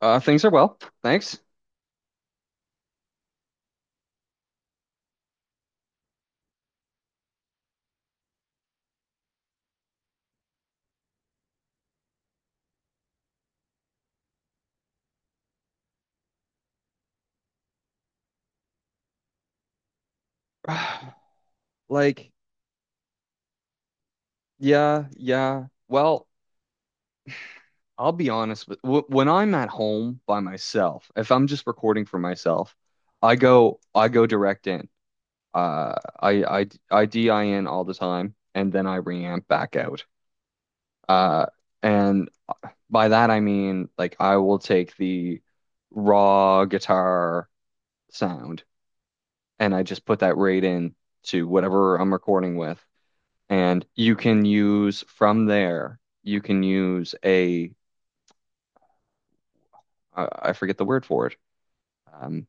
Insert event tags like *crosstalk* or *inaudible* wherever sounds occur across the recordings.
Things are well, thanks. *sighs* Like, yeah, yeah. Well, I'll be honest with w when I'm at home by myself, if I'm just recording for myself, I go direct in. Uh, I DIN all the time, and then I reamp back out. Uh, and by that I mean like I will take the raw guitar sound and I just put that right in to whatever I'm recording with. And you can use from there, you can use a I forget the word for it. Um,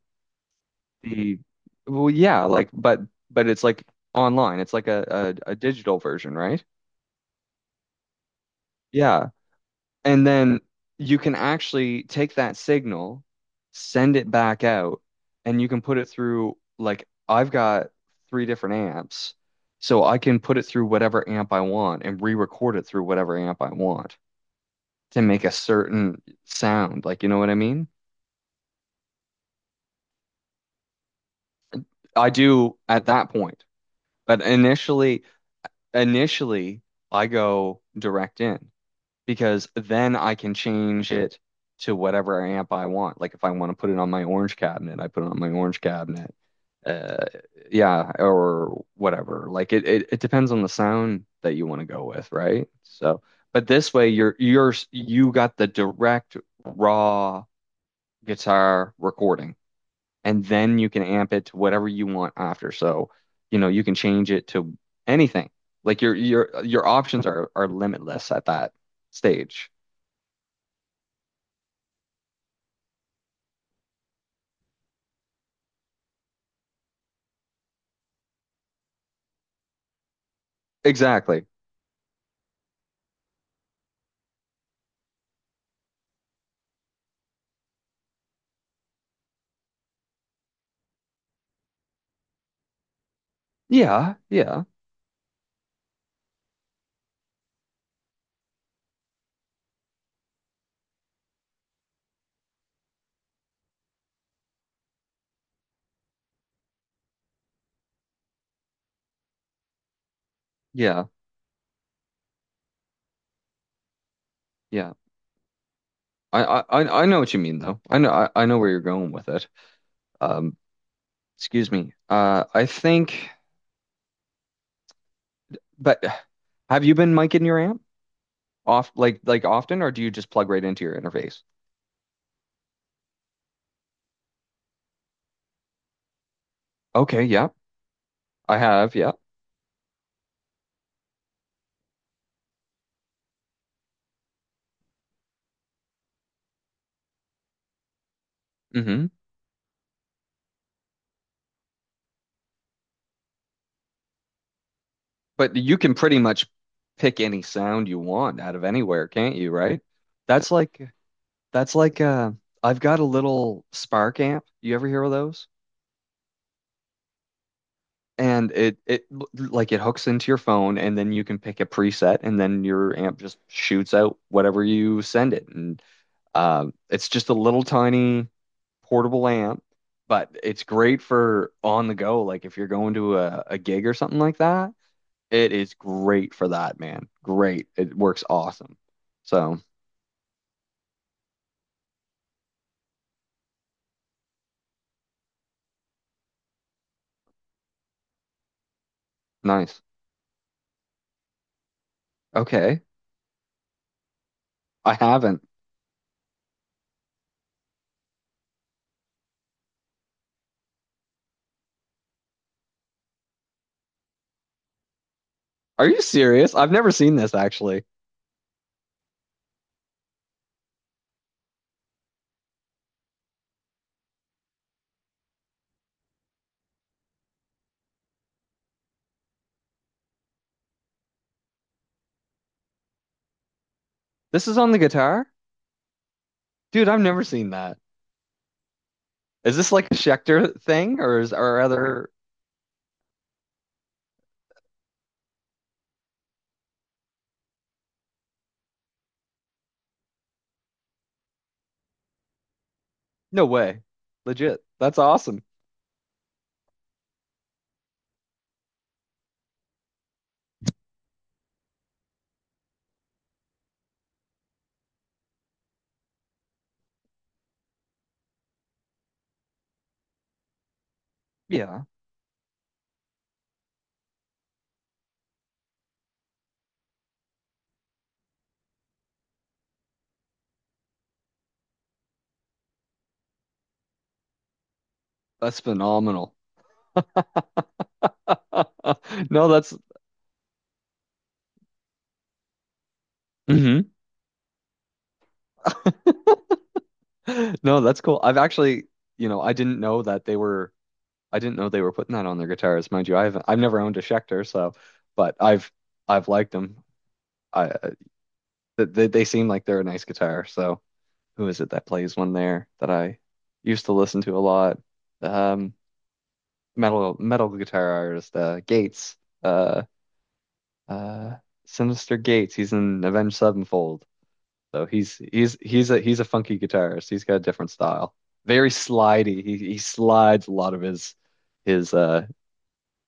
the yeah, like but it's like online. It's like a digital version, right? Yeah. And then you can actually take that signal, send it back out, and you can put it through like I've got three different amps, so I can put it through whatever amp I want and re-record it through whatever amp I want to make a certain sound. Like, you know what I mean? I do at that point. But initially, initially, I go direct in because then I can change it to whatever amp I want. Like if I want to put it on my orange cabinet, I put it on my orange cabinet. Uh, yeah, or whatever. Like it depends on the sound that you want to go with, right? So, but this way you're you got the direct raw guitar recording, and then you can amp it to whatever you want after. So, you know, you can change it to anything. Like your options are limitless at that stage. Exactly. Yeah, yeah, yeah, yeah. I know what you mean though. I know I know where you're going with it. Um, Excuse me. I think, but have you been miking your amp off like often, or do you just plug right into your interface? Okay, yeah, I have. Yeah. Mm-hmm. But you can pretty much pick any sound you want out of anywhere, can't you, right? That's like that's like I've got a little Spark amp. You ever hear of those? And it like it hooks into your phone and then you can pick a preset and then your amp just shoots out whatever you send it. And it's just a little tiny portable amp, but it's great for on the go, like if you're going to a gig or something like that. It is great for that, man. Great. It works awesome. So nice. Okay. I haven't. Are you serious? I've never seen this actually. This is on the guitar? Dude, I've never seen that. Is this like a Schecter thing or is or other no way. Legit. That's awesome. Yeah. That's phenomenal. *laughs* No, that's hmm. No, that's cool. I've actually, you know, I didn't know that they were I didn't know they were putting that on their guitars, mind you. I've never owned a Schecter, so but I've liked them. I they seem like they're a nice guitar. So who is it that plays one there that I used to listen to a lot? Um, metal guitar artist Gates, uh, uh, Sinister Gates. He's in Avenged Sevenfold, so he's a funky guitarist. He's got a different style, very slidey. He slides a lot of his his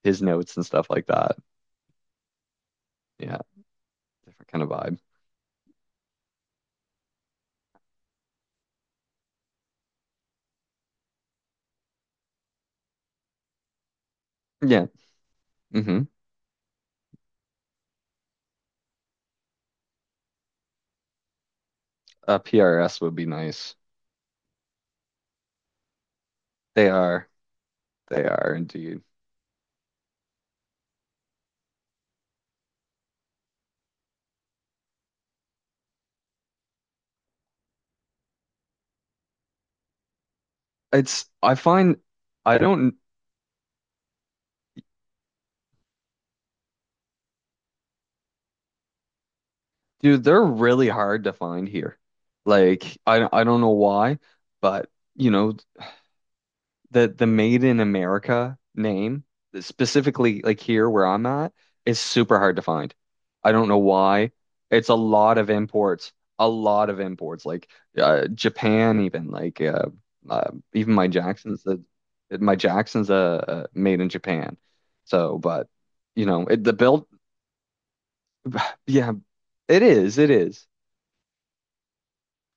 his notes and stuff like that. Yeah. Different kind of vibe. Yeah. Hmm. A PRS would be nice. They are. They are indeed. It's, I find, I don't, Dude, they're really hard to find here. Like, I don't know why, but, you know, the Made in America name, specifically like here where I'm at, is super hard to find. I don't know why. It's a lot of imports, a lot of imports, like Japan even, like even my Jackson's the my Jackson's made in Japan. So, but you know, it, the build, yeah, it is, it is.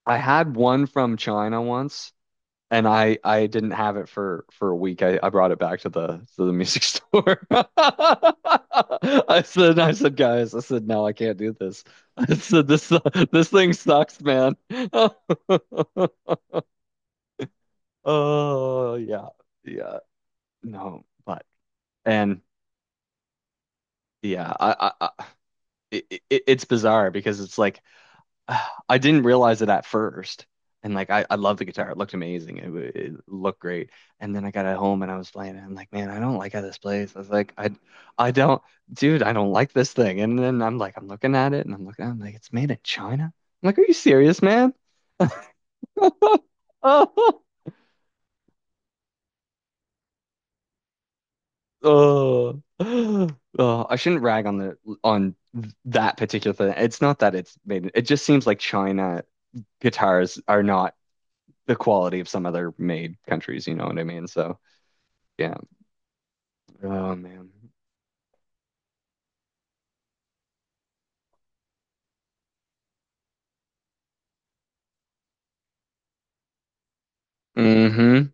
I had one from China once and I didn't have it for a week. I brought it back to the music store. *laughs* I said guys, I said no, I can't do this. I said this thing sucks, man. *laughs* Oh yeah, yeah, no, but and yeah, I it's bizarre because it's like *sighs* I didn't realize it at first. And like I love the guitar. It looked amazing. It looked great. And then I got at home and I was playing it. I'm like, man, I don't like how this plays. I was like, I don't, dude, I don't like this thing. And then I'm like, I'm looking at it and I'm looking, I'm like, it's made in China. I'm like, are you serious, man? *laughs* Oh, oh, I shouldn't rag on the on that particular thing. It's not that it's made. It just seems like China guitars are not the quality of some other made countries, you know what I mean? So, yeah. Oh man. Mm-hmm.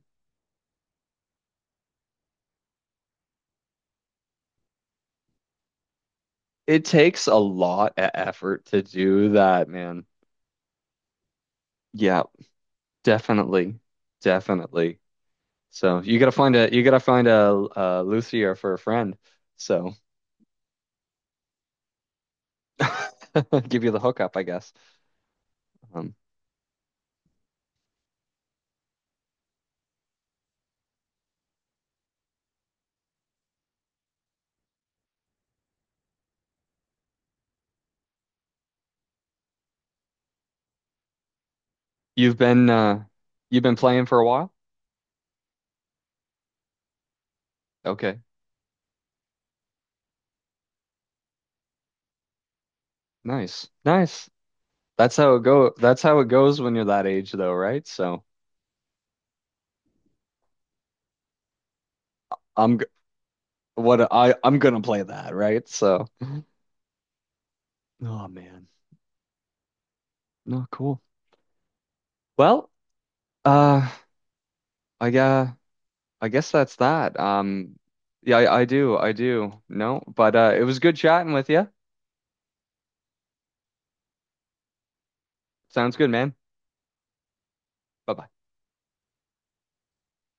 It takes a lot of effort to do that, man. Yeah, definitely. Definitely. So, you gotta find a luthier for a friend. So, *laughs* give you the hookup, I guess. Um, you've been you've been playing for a while? Okay. Nice. Nice. That's how it go. That's how it goes when you're that age though, right? So, I'm what I I'm gonna play that, right? So, oh man, no, cool. Well, uh, I uh, I guess that's that. Yeah, I do, I do. No, but it was good chatting with you. Sounds good, man. Bye bye.